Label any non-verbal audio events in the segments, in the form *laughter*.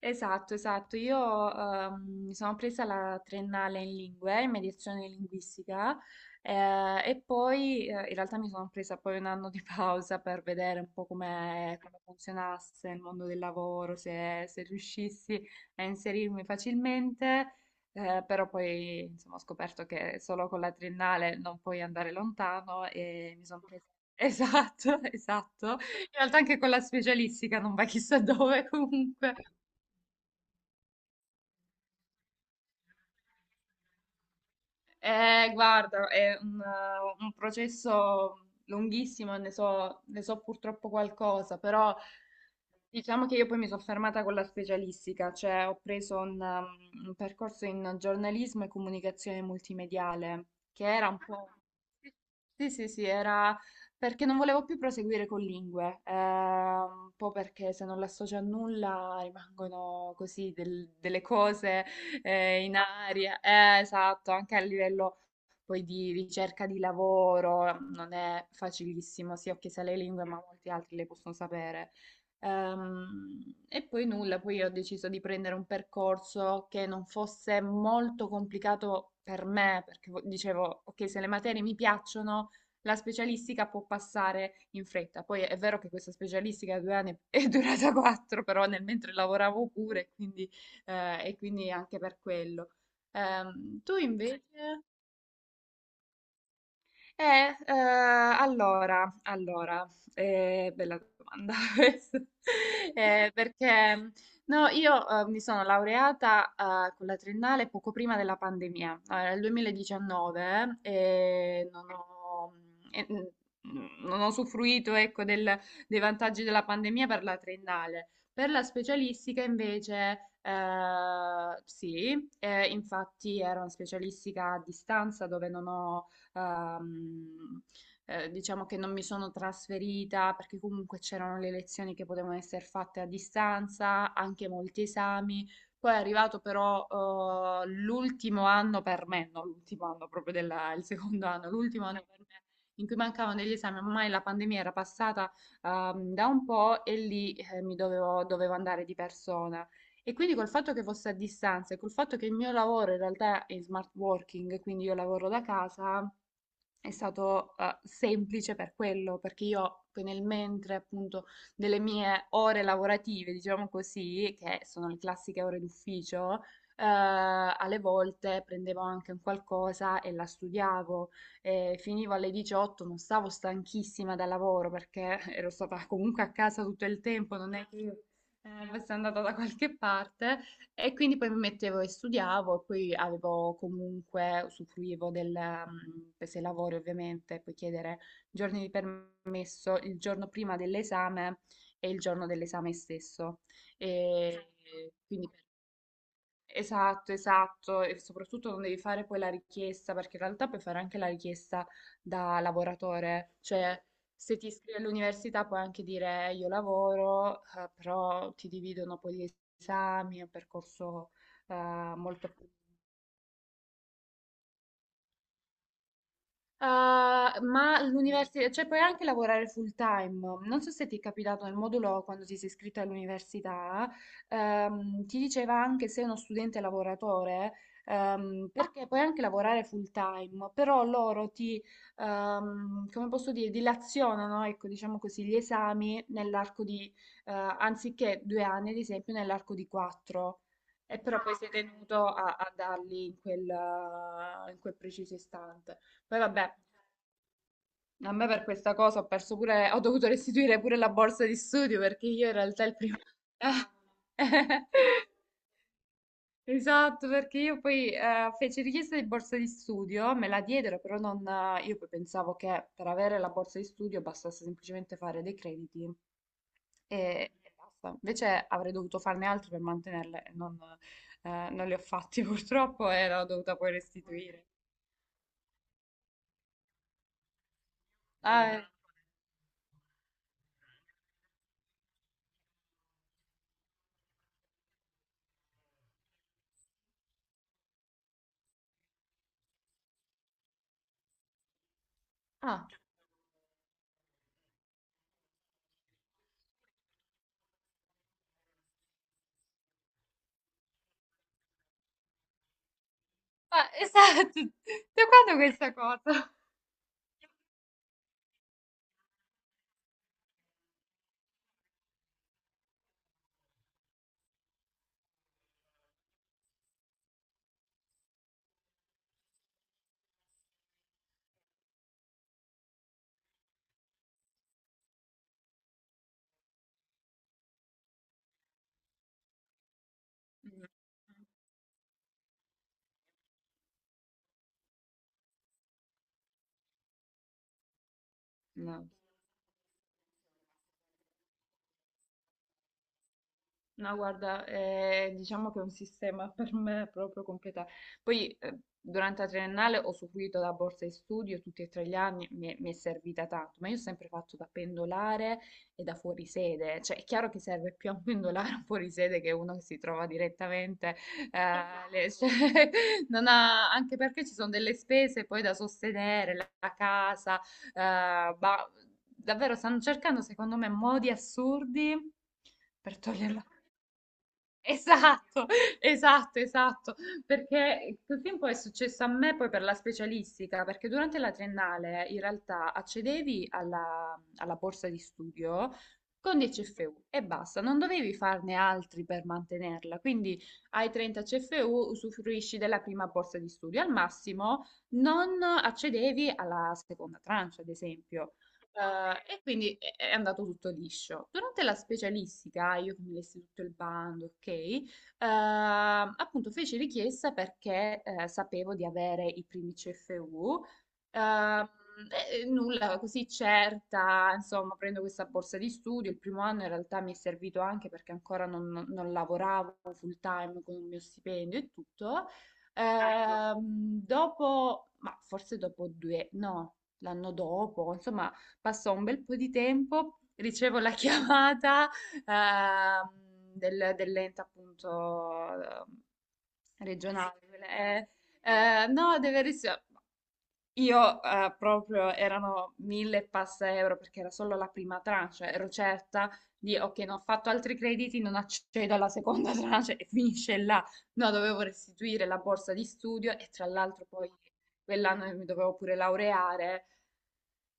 Esatto, esatto. Io mi sono presa la triennale in lingue, in mediazione linguistica, e poi in realtà mi sono presa poi un anno di pausa per vedere un po' come funzionasse il mondo del lavoro, se riuscissi a inserirmi facilmente, però poi insomma, ho scoperto che solo con la triennale non puoi andare lontano e mi sono presa *laughs* Esatto, esatto. In realtà anche con la specialistica non va chissà dove comunque. Guarda, è un processo lunghissimo, ne so purtroppo qualcosa, però diciamo che io poi mi sono fermata con la specialistica, cioè ho preso un percorso in giornalismo e comunicazione multimediale, che era un po'. Sì, sì, sì, era perché non volevo più proseguire con lingue, un po' perché se non l'associo a nulla rimangono così delle cose *laughs* in aria. Esatto, anche a livello poi di ricerca di lavoro non è facilissimo. Sì, ok, sa le lingue, ma molti altri le possono sapere. E poi nulla, poi ho deciso di prendere un percorso che non fosse molto complicato per me, perché dicevo, ok, se le materie mi piacciono, la specialistica può passare in fretta. Poi è vero che questa specialistica 2 anni è *laughs* è durata quattro, però nel mentre lavoravo pure, e quindi anche per quello. Tu invece? Allora, bella domanda *laughs* questa. Perché no, io mi sono laureata con la triennale poco prima della pandemia, nel 2019, e e, mm, non ho usufruito, ecco, dei vantaggi della pandemia per la triennale. Per la specialistica invece, sì, infatti era una specialistica a distanza dove non ho ehm, diciamo che non mi sono trasferita perché comunque c'erano le lezioni che potevano essere fatte a distanza, anche molti esami. Poi è arrivato però l'ultimo anno per me, non l'ultimo anno proprio il secondo anno, l'ultimo anno per me in cui mancavano degli esami, ormai la pandemia era passata da un po' e lì dovevo andare di persona. E quindi col fatto che fosse a distanza e col fatto che il mio lavoro in realtà è smart working, quindi io lavoro da casa, è stato semplice per quello, perché io poi nel mentre appunto delle mie ore lavorative, diciamo così, che sono le classiche ore d'ufficio, alle volte prendevo anche un qualcosa e la studiavo, e finivo alle 18, non stavo stanchissima dal lavoro perché *laughs* ero stata comunque a casa tutto il tempo, non è che io fossi andata da qualche parte, e quindi poi mi mettevo e studiavo, e poi avevo comunque, usufruivo se lavori ovviamente, puoi chiedere giorni di permesso il giorno prima dell'esame e il giorno dell'esame stesso. E quindi Esatto, esatto, e soprattutto non devi fare poi la richiesta, perché in realtà puoi fare anche la richiesta da lavoratore, cioè se ti iscrivi all'università puoi anche dire: io lavoro, però ti dividono poi gli esami, è un percorso eh, molto più". Ah, ma l'università, cioè puoi anche lavorare full time. Non so se ti è capitato nel modulo quando ti sei iscritto all'università, ti diceva anche se sei uno studente lavoratore, perché puoi anche lavorare full time, però loro ti, come posso dire, dilazionano, ecco, diciamo così, gli esami nell'arco di, anziché 2 anni, ad esempio, nell'arco di quattro. E però poi sei tenuto a darli in quel preciso istante. Poi vabbè, a me per questa cosa ho perso pure, ho dovuto restituire pure la borsa di studio perché io in realtà il primo *laughs* Ah, eh, Esatto, perché io poi feci richiesta di borsa di studio, me la diedero, però non, io poi pensavo che per avere la borsa di studio bastasse semplicemente fare dei crediti e basta. Invece avrei dovuto farne altri per mantenerle, e non li ho fatti *laughs* purtroppo e l'ho dovuta poi restituire. Ah. Ah. Ma *laughs* esatto, da quando questa cosa? Mm. No. No, guarda, diciamo che è un sistema *laughs* per me proprio completato. Poi durante la triennale ho usufruito della borsa di studio tutti e tre gli anni, mi è servita tanto, ma io ho sempre fatto da pendolare e da fuorisede, cioè è chiaro che serve più a un pendolare *laughs* a un fuorisede che uno che si trova direttamente, *laughs* cioè, non ha- anche perché ci sono delle spese poi da sostenere, la casa, ma davvero stanno cercando secondo me modi assurdi per togliere. Esatto, *laughs* esatto, esatto, perché quel film poi è successo a me poi per la specialistica, perché durante la triennale in realtà accedevi alla borsa di studio con 10 CFU e basta, non dovevi farne altri per mantenerla, quindi ai 30 CFU usufruisci della prima borsa di studio, al massimo non accedevi alla seconda tranche, ad esempio. E quindi è andato tutto liscio. Durante la specialistica, io che mi lessi tutto il bando, ok, appunto feci richiesta perché sapevo di avere i primi CFU, ehm, e nulla, così certa, insomma, prendo questa borsa di studio. Il primo anno in realtà mi è servito anche perché ancora non lavoravo full time con il mio stipendio e tutto. Certo. Dopo, ma forse dopo due, no, l'anno dopo, insomma, passò un bel po' di tempo, ricevo la *laughs* chiamata ehm, dell'ente appunto regionale. No, deve ricevere. Io proprio erano mille e passa euro perché era solo la prima tranche, cioè ero certa di ok, non ho fatto altri crediti, non accedo alla seconda *laughs* tranche e finisce là. No, dovevo restituire la borsa di studio e tra l'altro poi quell'anno mi dovevo pure laureare,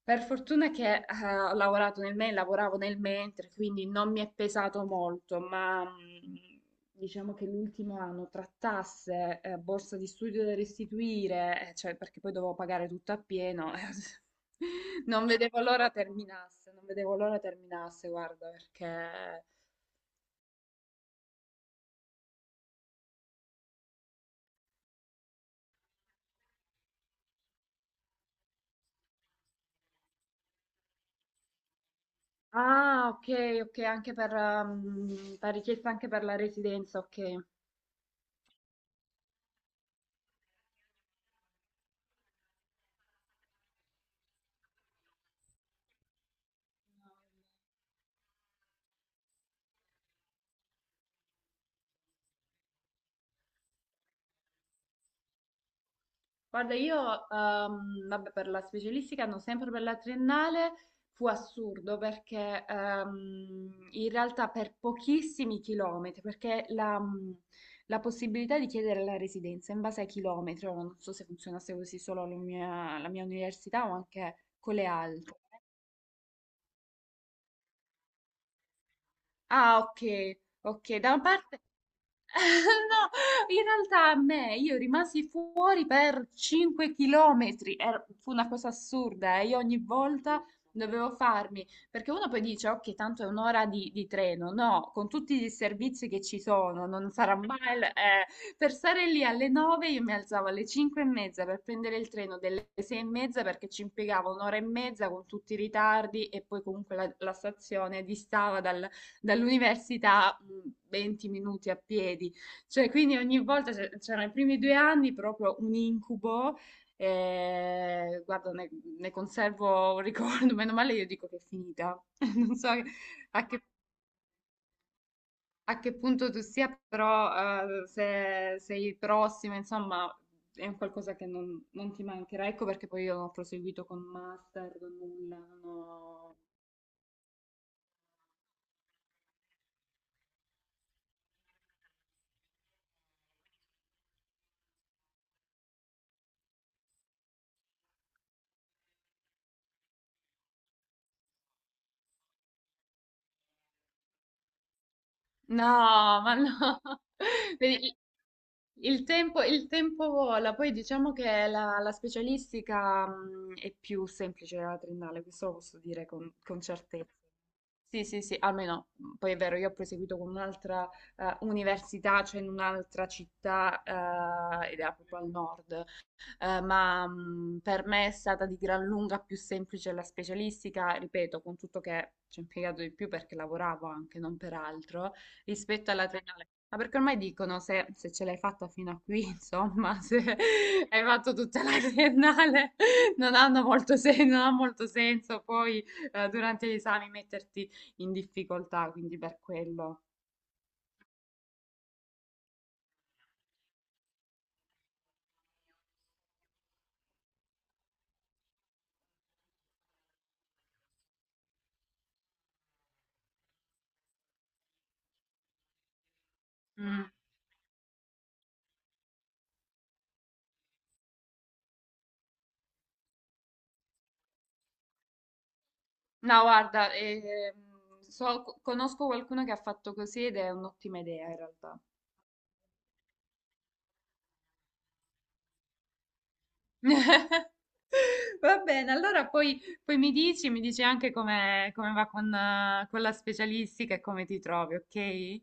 per fortuna che ho lavorato nel mentre, lavoravo nel mentre, quindi non mi è pesato molto, ma diciamo che l'ultimo anno tra tasse, borsa di studio da restituire, cioè perché poi dovevo pagare tutto a pieno, *laughs* non vedevo l'ora terminasse, non vedevo l'ora terminasse, guarda, perché. Ah, ok, ok, anche per, la richiesta anche per la residenza, ok. Guarda, io, vabbè, per la specialistica, no, sempre per la triennale, fu assurdo perché in realtà per pochissimi chilometri, perché la possibilità di chiedere la residenza in base ai chilometri, ora non so se funzionasse così solo la mia, università o anche con le altre. Ah, ok, ok, da una parte. *laughs* No, in realtà a me, io rimasi fuori per 5 chilometri. Fu una cosa assurda, eh. Io ogni volta dovevo farmi, perché uno poi dice, ok, tanto è un'ora di treno, no, con tutti i servizi che ci sono, non sarà mai. Per stare lì alle 9 io mi alzavo alle 5 e mezza per prendere il treno delle 6 e mezza perché ci impiegavo un'ora e mezza con tutti i ritardi e poi comunque la stazione distava dall'università 20 minuti a piedi. Cioè, quindi ogni volta c'erano i primi 2 anni proprio un incubo. Guarda, ne conservo un ricordo. *laughs* Meno male io dico che è finita. *laughs* Non so a che punto tu sia, però se sei prossima, insomma, è un qualcosa che non ti mancherà. Ecco perché poi io non ho proseguito con master, con nulla. Non ho- No, ma no. *laughs* Vedi, il tempo, il tempo vola, poi diciamo che la specialistica è più semplice della triennale, questo lo posso dire con certezza. Sì, sì, sì, almeno, poi è vero, io ho proseguito con un'altra università, cioè in un'altra città, ed era proprio al nord, ma per me è stata di gran lunga più semplice la specialistica, ripeto, con tutto che ci ho impiegato di più perché lavoravo anche, non per altro, rispetto alla triennale. Ma perché ormai dicono se ce l'hai fatta fino a qui, insomma, se *laughs* hai fatto tutta la triennale, *laughs* non ha molto senso poi durante gli esami metterti in difficoltà, quindi per quello. No, guarda, conosco qualcuno che ha fatto così ed è un'ottima idea in realtà. *laughs* Va bene, allora poi mi dici anche come va con la specialistica e come ti trovi, ok?